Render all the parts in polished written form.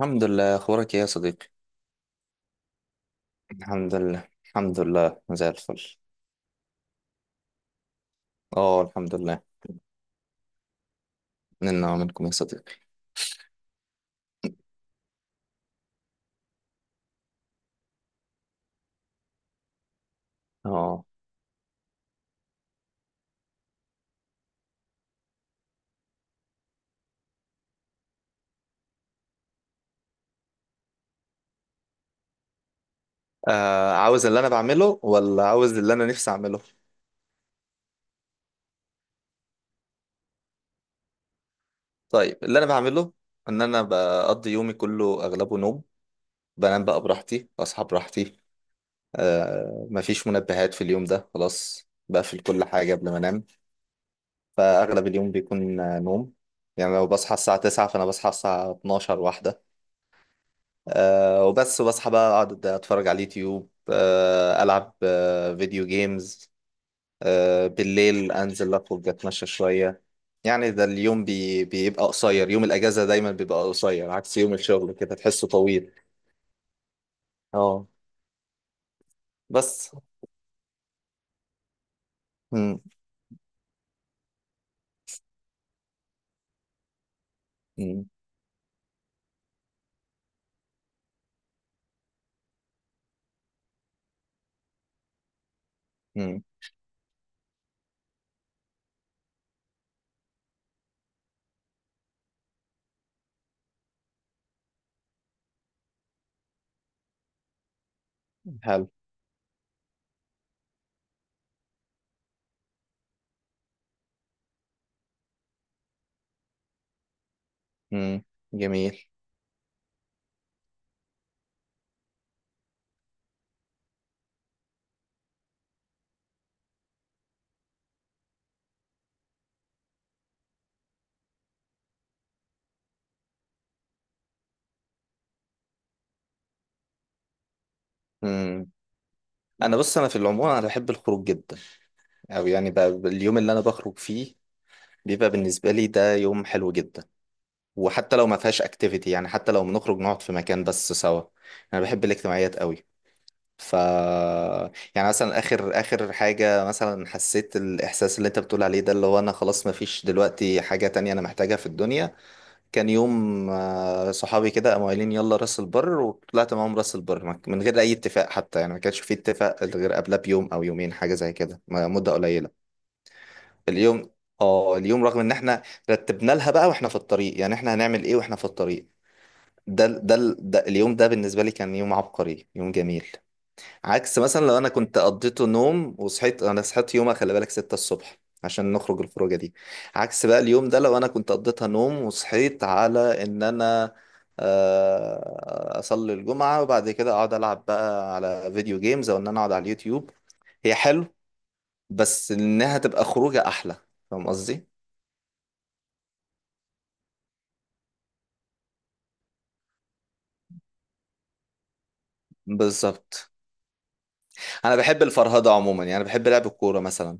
الحمد لله، اخبارك ايه يا صديقي؟ الحمد لله، زي الفل. اه الحمد لله. منا ومنكم يا صديقي. اه. عاوز اللي انا بعمله ولا عاوز اللي انا نفسي اعمله؟ طيب، اللي انا بعمله ان انا بقضي يومي كله اغلبه نوم. بنام بقى براحتي، اصحى براحتي. آه مفيش منبهات في اليوم ده، خلاص بقفل كل حاجة قبل ما انام. فاغلب اليوم بيكون نوم. يعني لو بصحى الساعة 9 فانا بصحى الساعة 12 واحدة، آه وبس. وبصحى بقى اقعد اتفرج على اليوتيوب، آه العب آه فيديو جيمز. آه بالليل انزل اخرج اتمشى شويه. يعني ده اليوم بيبقى قصير، يوم الاجازه دايما بيبقى قصير عكس يوم الشغل كده تحسه طويل. اه. بس. مم. مم. مم. حلو. مم. جميل. مم. انا بص، انا في العموم انا بحب الخروج جدا. او يعني بقى اليوم اللي انا بخرج فيه بيبقى بالنسبه لي ده يوم حلو جدا. وحتى لو ما فيهاش اكتيفيتي، يعني حتى لو بنخرج نقعد في مكان بس سوا، انا بحب الاجتماعيات قوي. ف يعني مثلا اخر حاجه، مثلا حسيت الاحساس اللي انت بتقول عليه ده، اللي هو انا خلاص ما فيش دلوقتي حاجه تانية انا محتاجها في الدنيا. كان يوم صحابي كده قاموا قايلين يلا راس البر، وطلعت معاهم راس البر من غير اي اتفاق حتى. يعني ما كانش في اتفاق غير قبلها بيوم او يومين، حاجه زي كده، مده قليله. اليوم، اه اليوم رغم ان احنا رتبنا لها بقى واحنا في الطريق، يعني احنا هنعمل ايه واحنا في الطريق، ده ده ده اليوم ده بالنسبة لي كان يوم عبقري، يوم جميل. عكس مثلا لو انا كنت قضيته نوم وصحيت، انا صحيت يومها خلي بالك 6 الصبح عشان نخرج الخروجة دي. عكس بقى اليوم ده لو انا كنت قضيتها نوم وصحيت على ان انا اصلي الجمعة وبعد كده اقعد العب بقى على فيديو جيمز او ان انا اقعد على اليوتيوب. هي حلو، بس انها تبقى خروجة احلى. فاهم قصدي. بالظبط. انا بحب الفرهدة عموما، يعني بحب لعب الكورة مثلا.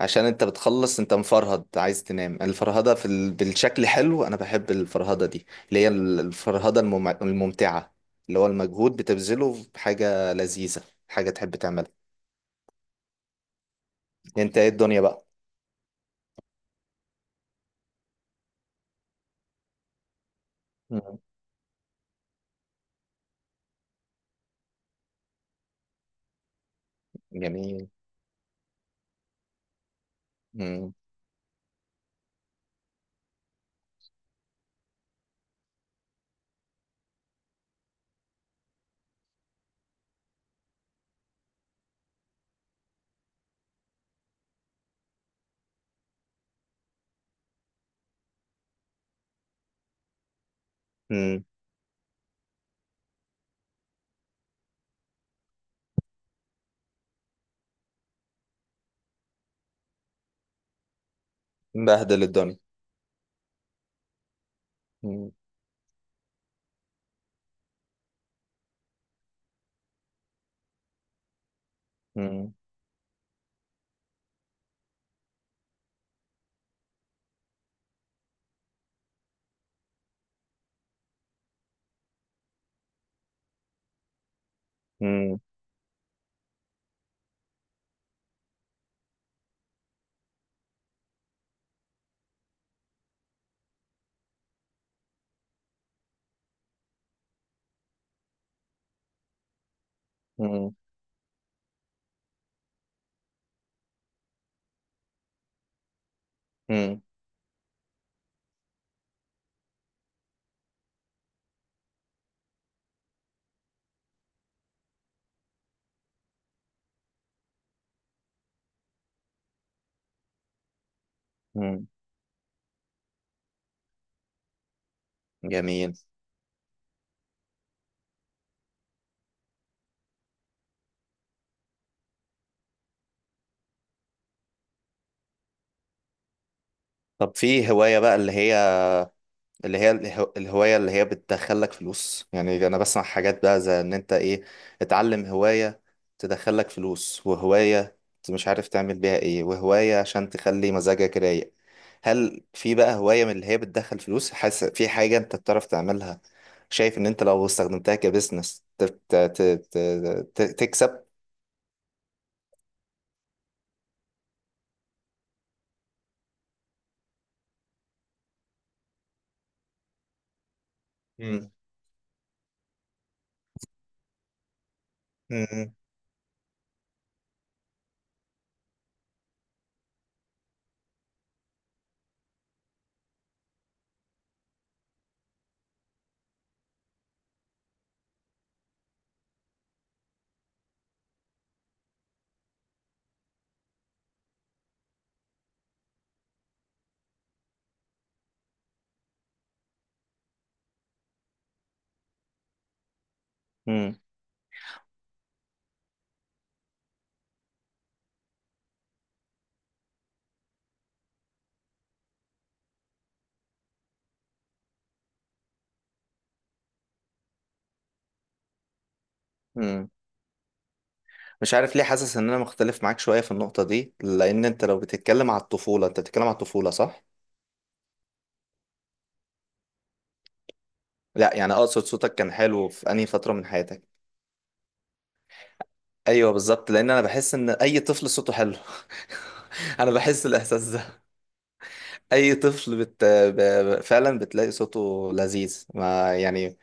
عشان انت بتخلص انت مفرهد عايز تنام، الفرهدة بالشكل حلو. انا بحب الفرهدة دي اللي هي الفرهدة الممتعة، اللي هو المجهود بتبذله في حاجة لذيذة، حاجة تحب تعملها. انت ايه الدنيا بقى؟ مم. جميل. مم. مم. مبهدل الدنيا. مم. مم. مم. مم. مم. مم. جميل. طب في هواية بقى اللي هي، الهواية اللي هي بتدخلك فلوس، يعني أنا بسمع حاجات بقى زي إن أنت إيه، اتعلم هواية تدخلك فلوس، وهواية أنت مش عارف تعمل بيها إيه، وهواية عشان تخلي مزاجك رايق. هل في بقى هواية من اللي هي بتدخل فلوس حاسس في حاجة أنت بتعرف تعملها، شايف إن أنت لو استخدمتها كبزنس تكسب؟ مم. مم. مم. مم. مش عارف ليه حاسس ان انا مختلف معاك شوية في النقطة دي، لان انت لو بتتكلم على الطفولة، انت بتتكلم على الطفولة صح؟ لا يعني اقصد صوتك كان حلو في انهي فترة من حياتك؟ ايوه بالظبط، لان انا بحس ان اي طفل صوته حلو. انا بحس الاحساس ده. اي طفل فعلا بتلاقي صوته لذيذ ما، يعني.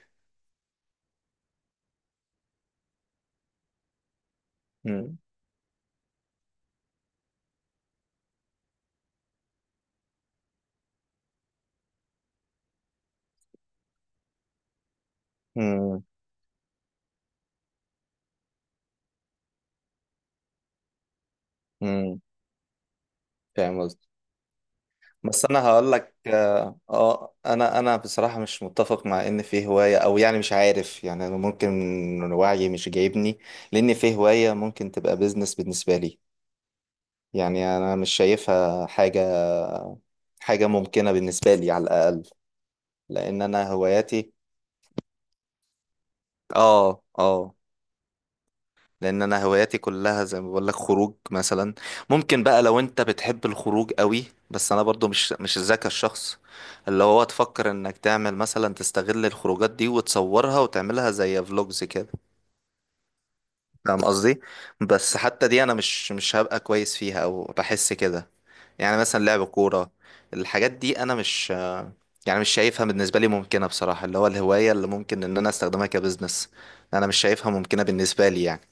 مم. مم. مم. فاهم قصدي. بس انا هقول لك اه، انا بصراحة مش متفق مع ان في هواية، او يعني مش عارف، يعني أنا ممكن وعيي مش جايبني لان في هواية ممكن تبقى بيزنس بالنسبة لي. يعني انا مش شايفها حاجة، حاجة ممكنة بالنسبة لي على الاقل، لان انا هواياتي. اه اه. لان انا هواياتي كلها زي ما بقول لك، خروج مثلا. ممكن بقى لو انت بتحب الخروج قوي، بس انا برضو مش ذاك الشخص اللي هو تفكر انك تعمل مثلا تستغل الخروجات دي وتصورها وتعملها زي فلوجز كده. فاهم قصدي. بس حتى دي انا مش هبقى كويس فيها او بحس كده. يعني مثلا لعب كورة، الحاجات دي انا مش، يعني مش شايفها بالنسبة لي ممكنة بصراحة، اللي هو الهواية اللي ممكن ان انا استخدمها كبزنس انا مش شايفها ممكنة بالنسبة لي يعني.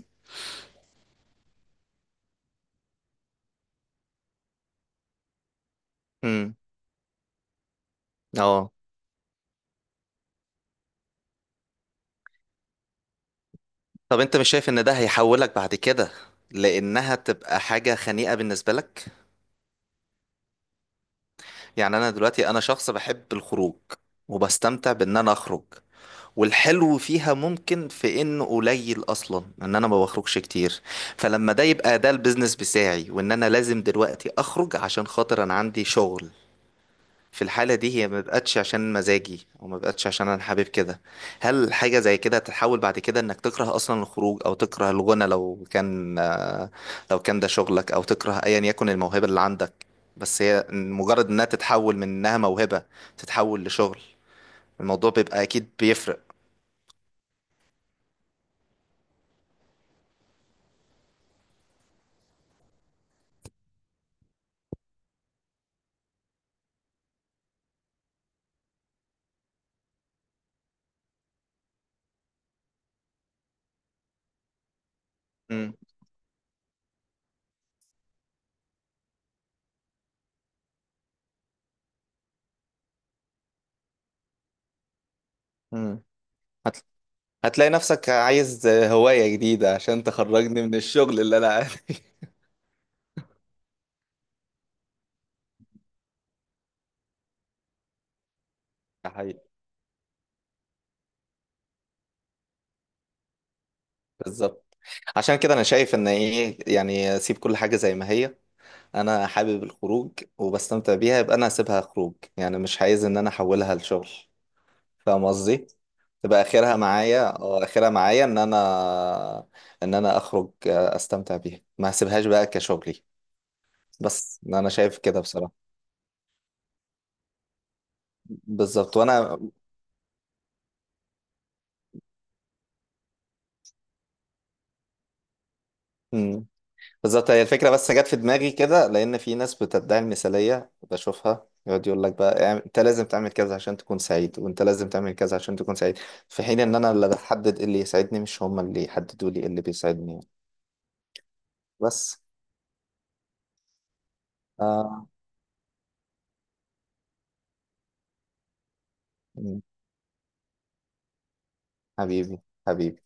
امم. اه. طب انت مش شايف ان ده هيحولك بعد كده، لانها تبقى حاجة خنيئة بالنسبة لك؟ يعني انا دلوقتي انا شخص بحب الخروج وبستمتع بان انا اخرج، والحلو فيها ممكن في انه قليل اصلا، ان انا ما بخرجش كتير. فلما ده يبقى ده البيزنس بتاعي، وان انا لازم دلوقتي اخرج عشان خاطر انا عندي شغل، في الحالة دي هي ما بقتش عشان مزاجي، او ما بقتش عشان انا حابب كده. هل حاجة زي كده تتحول بعد كده انك تكره اصلا الخروج، او تكره الغنى لو كان لو كان ده شغلك، او تكره ايا يكن الموهبة اللي عندك؟ بس هي مجرد انها تتحول من انها موهبة تتحول لشغل، الموضوع بيبقى اكيد بيفرق. مم. مم. هت... هتلاقي نفسك عايز هواية جديدة عشان تخرجني من الشغل اللي أنا قاعد فيه. ده حقيقي. بالظبط. عشان كده انا شايف ان ايه، يعني سيب كل حاجة زي ما هي. انا حابب الخروج وبستمتع بيها، يبقى انا هسيبها خروج، يعني مش عايز ان انا احولها لشغل. فاهم قصدي. تبقى اخرها معايا، اه اخرها معايا ان انا، ان انا اخرج استمتع بيها، ما هسيبهاش بقى كشغلي. بس انا شايف كده بصراحة. بالظبط. وانا، بالظبط. هي الفكرة بس جت في دماغي كده، لأن في ناس بتدعي المثالية بشوفها يقعد يقول لك بقى، يعني أنت لازم تعمل كذا عشان تكون سعيد، وأنت لازم تعمل كذا عشان تكون سعيد، في حين إن أنا اللي بحدد إيه اللي يسعدني، مش هما اللي يحددوا لي إيه اللي بيسعدني يعني. بس. آه. مم. حبيبي. حبيبي.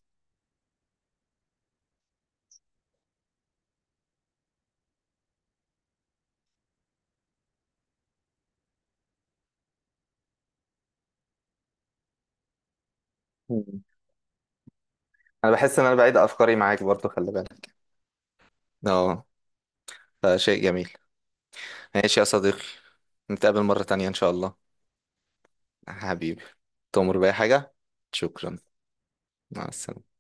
مم. أنا بحس إن أنا بعيد أفكاري معاك برضو، خلي بالك. أه. فشيء جميل. ماشي يا صديقي، نتقابل مرة تانية إن شاء الله. حبيبي. تؤمر بأي حاجة. شكرا. مع السلامة.